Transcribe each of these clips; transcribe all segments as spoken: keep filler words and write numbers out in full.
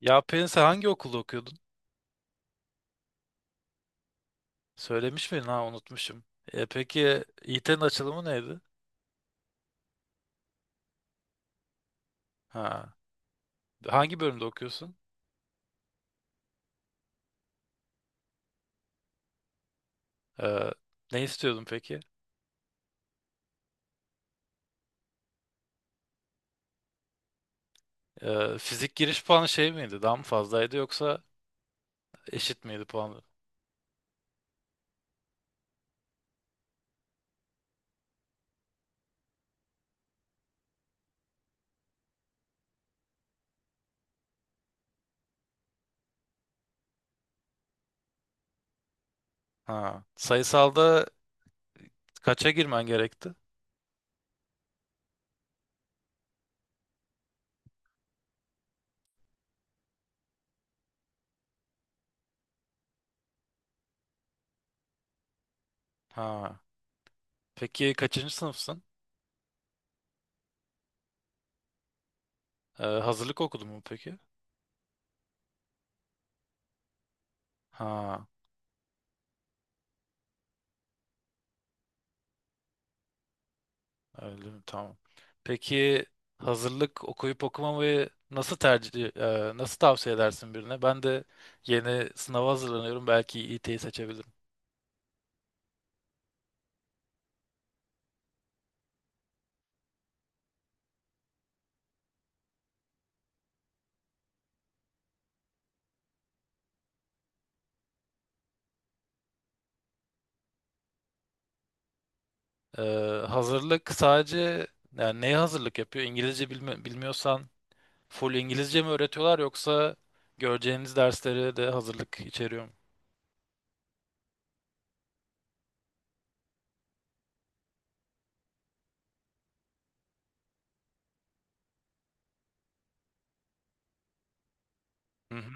Ya Pelin sen hangi okulda okuyordun? Söylemiş miydin? Ha unutmuşum. E, peki İT'nin açılımı neydi? Ha. Hangi bölümde okuyorsun? E, ne istiyordun peki? E, fizik giriş puanı şey miydi? Daha mı fazlaydı yoksa eşit miydi puanı? Ha. Sayısalda kaça girmen gerekti? Ha. Peki kaçıncı sınıfsın? E, hazırlık okudun mu peki? Ha. Öyle mi? Tamam. Peki hazırlık okuyup okumamayı nasıl tercih e, nasıl tavsiye edersin birine? Ben de yeni sınava hazırlanıyorum. Belki İT'yi seçebilirim. E, hazırlık sadece yani neye hazırlık yapıyor? İngilizce bilmi- bilmiyorsan full İngilizce mi öğretiyorlar yoksa göreceğiniz dersleri de hazırlık içeriyor mu? Hı hı.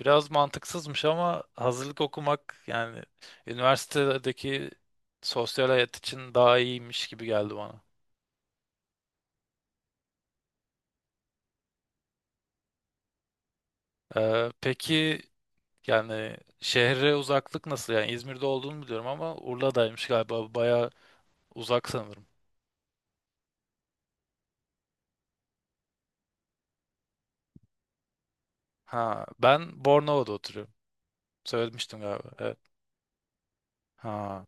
Biraz mantıksızmış ama hazırlık okumak yani üniversitedeki sosyal hayat için daha iyiymiş gibi geldi bana. Ee, peki yani şehre uzaklık nasıl? Yani İzmir'de olduğunu biliyorum ama Urla'daymış galiba. Bayağı uzak sanırım. Ha, ben Bornova'da oturuyorum. Söylemiştim galiba. Evet. Ha.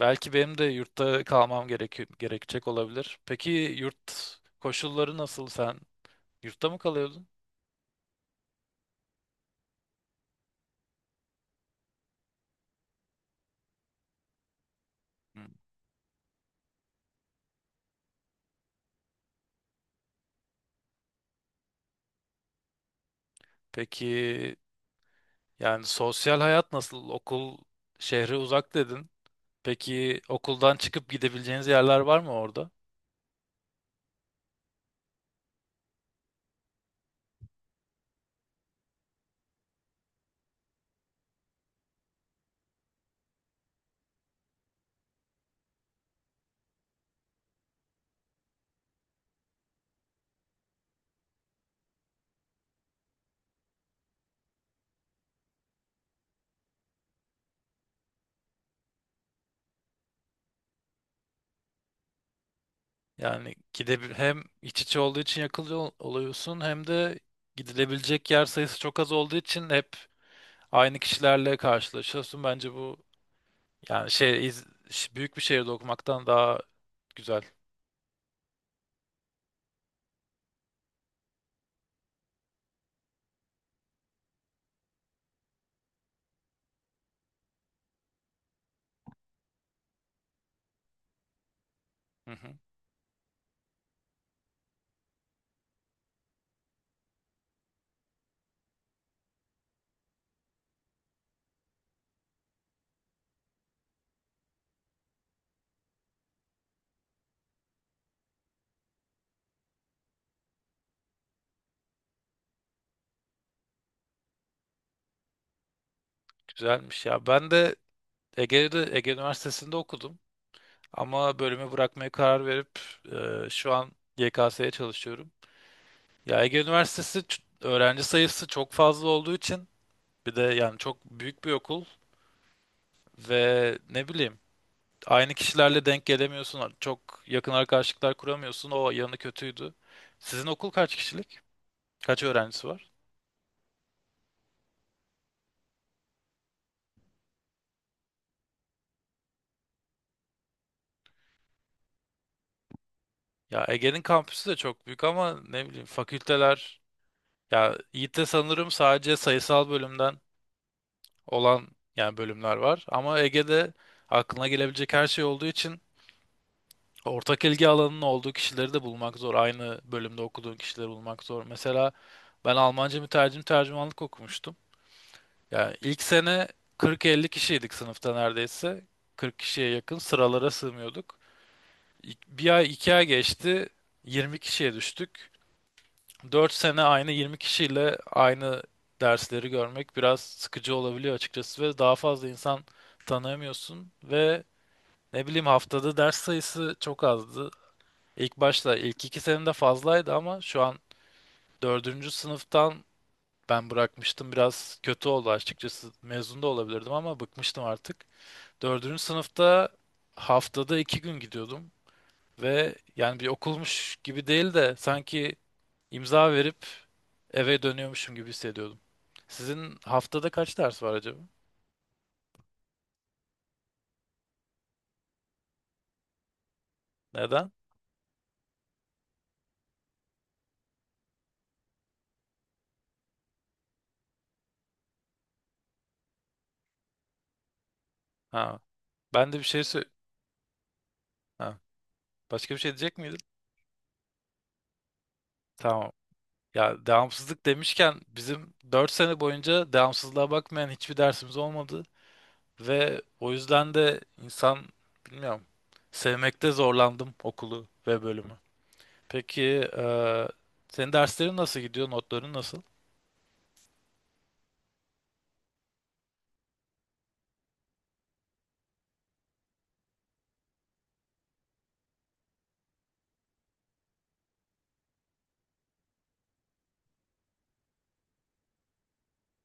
Belki benim de yurtta kalmam gerekiyor, gerekecek olabilir. Peki yurt koşulları nasıl? Sen yurtta mı kalıyordun? Hı. Peki yani sosyal hayat nasıl? Okul şehre uzak dedin. Peki okuldan çıkıp gidebileceğiniz yerler var mı orada? Yani gide hem iç içe olduğu için yakılıyor ol- oluyorsun hem de gidilebilecek yer sayısı çok az olduğu için hep aynı kişilerle karşılaşıyorsun. Bence bu yani şey iz- ş- büyük bir şehirde okumaktan daha güzel. Hı hı, güzelmiş ya. Ben de Ege'de Ege Üniversitesi'nde okudum ama bölümü bırakmaya karar verip e, şu an Y K S'ye çalışıyorum. Ya Ege Üniversitesi ç- öğrenci sayısı çok fazla olduğu için bir de yani çok büyük bir okul ve ne bileyim aynı kişilerle denk gelemiyorsun. Çok yakın arkadaşlıklar kuramıyorsun. O yanı kötüydü. Sizin okul kaç kişilik? Kaç öğrencisi var? Ya Ege'nin kampüsü de çok büyük ama ne bileyim fakülteler ya Yiğit'te sanırım sadece sayısal bölümden olan yani bölümler var. Ama Ege'de aklına gelebilecek her şey olduğu için ortak ilgi alanının olduğu kişileri de bulmak zor. Aynı bölümde okuduğun kişileri bulmak zor. Mesela ben Almanca mütercim tercümanlık okumuştum. Ya ilk sene kırktan elliye kişiydik sınıfta neredeyse. kırk kişiye yakın sıralara sığmıyorduk. İk- Bir ay iki ay geçti. yirmi kişiye düştük. Dört sene aynı yirmi kişiyle aynı dersleri görmek biraz sıkıcı olabiliyor açıkçası ve daha fazla insan tanıyamıyorsun ve ne bileyim haftada ders sayısı çok azdı. İlk başta ilk iki senede fazlaydı ama şu an dördüncü sınıftan ben bırakmıştım biraz kötü oldu açıkçası mezun da olabilirdim ama bıkmıştım artık. Dördüncü sınıfta haftada iki gün gidiyordum ve yani bir okulmuş gibi değil de sanki imza verip eve dönüyormuşum gibi hissediyordum. Sizin haftada kaç ders var acaba? Neden? Ha, ben de bir şey sö- ha, başka bir şey diyecek miydin? Tamam. Ya devamsızlık demişken bizim dört sene boyunca devamsızlığa bakmayan hiçbir dersimiz olmadı ve o yüzden de insan bilmiyorum sevmekte zorlandım okulu ve bölümü. Peki eee, senin derslerin nasıl gidiyor? Notların nasıl?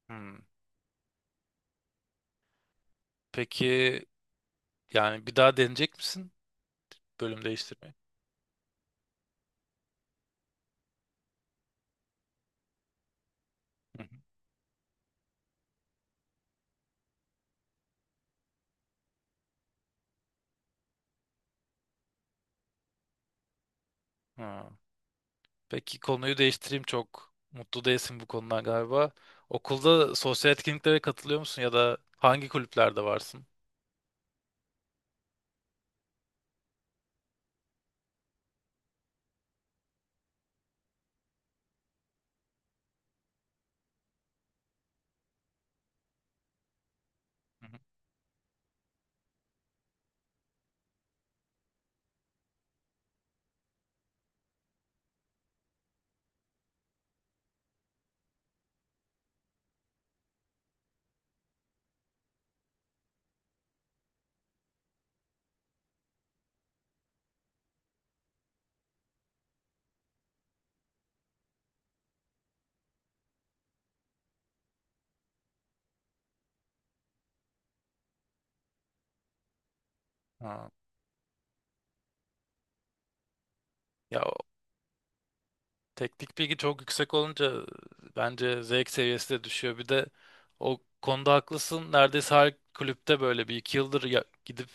Hmm. Peki yani bir daha deneyecek misin bölüm değiştirmeyi? Hı hı. Ha. Peki konuyu değiştireyim çok mutlu değilsin bu konudan galiba. Okulda sosyal etkinliklere katılıyor musun ya da hangi kulüplerde varsın? Hı hı. Ha. Ya teknik bilgi çok yüksek olunca bence zevk seviyesi de düşüyor. Bir de o konuda haklısın. Neredeyse her kulüpte böyle bir iki yıldır ya- gidip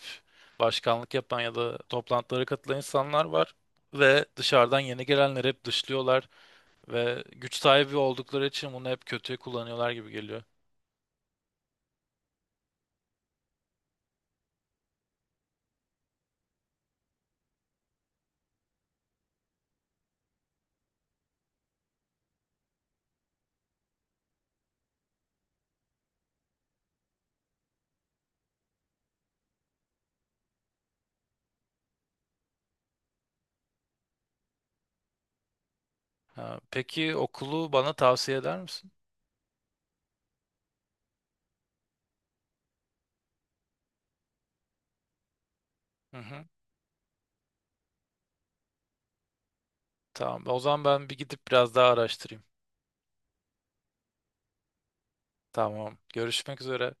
başkanlık yapan ya da toplantılara katılan insanlar var. Ve dışarıdan yeni gelenleri hep dışlıyorlar. Ve güç sahibi oldukları için bunu hep kötüye kullanıyorlar gibi geliyor. Ha, peki okulu bana tavsiye eder misin? Hı hı. Tamam. O zaman ben bir gidip biraz daha araştırayım. Tamam. Görüşmek üzere.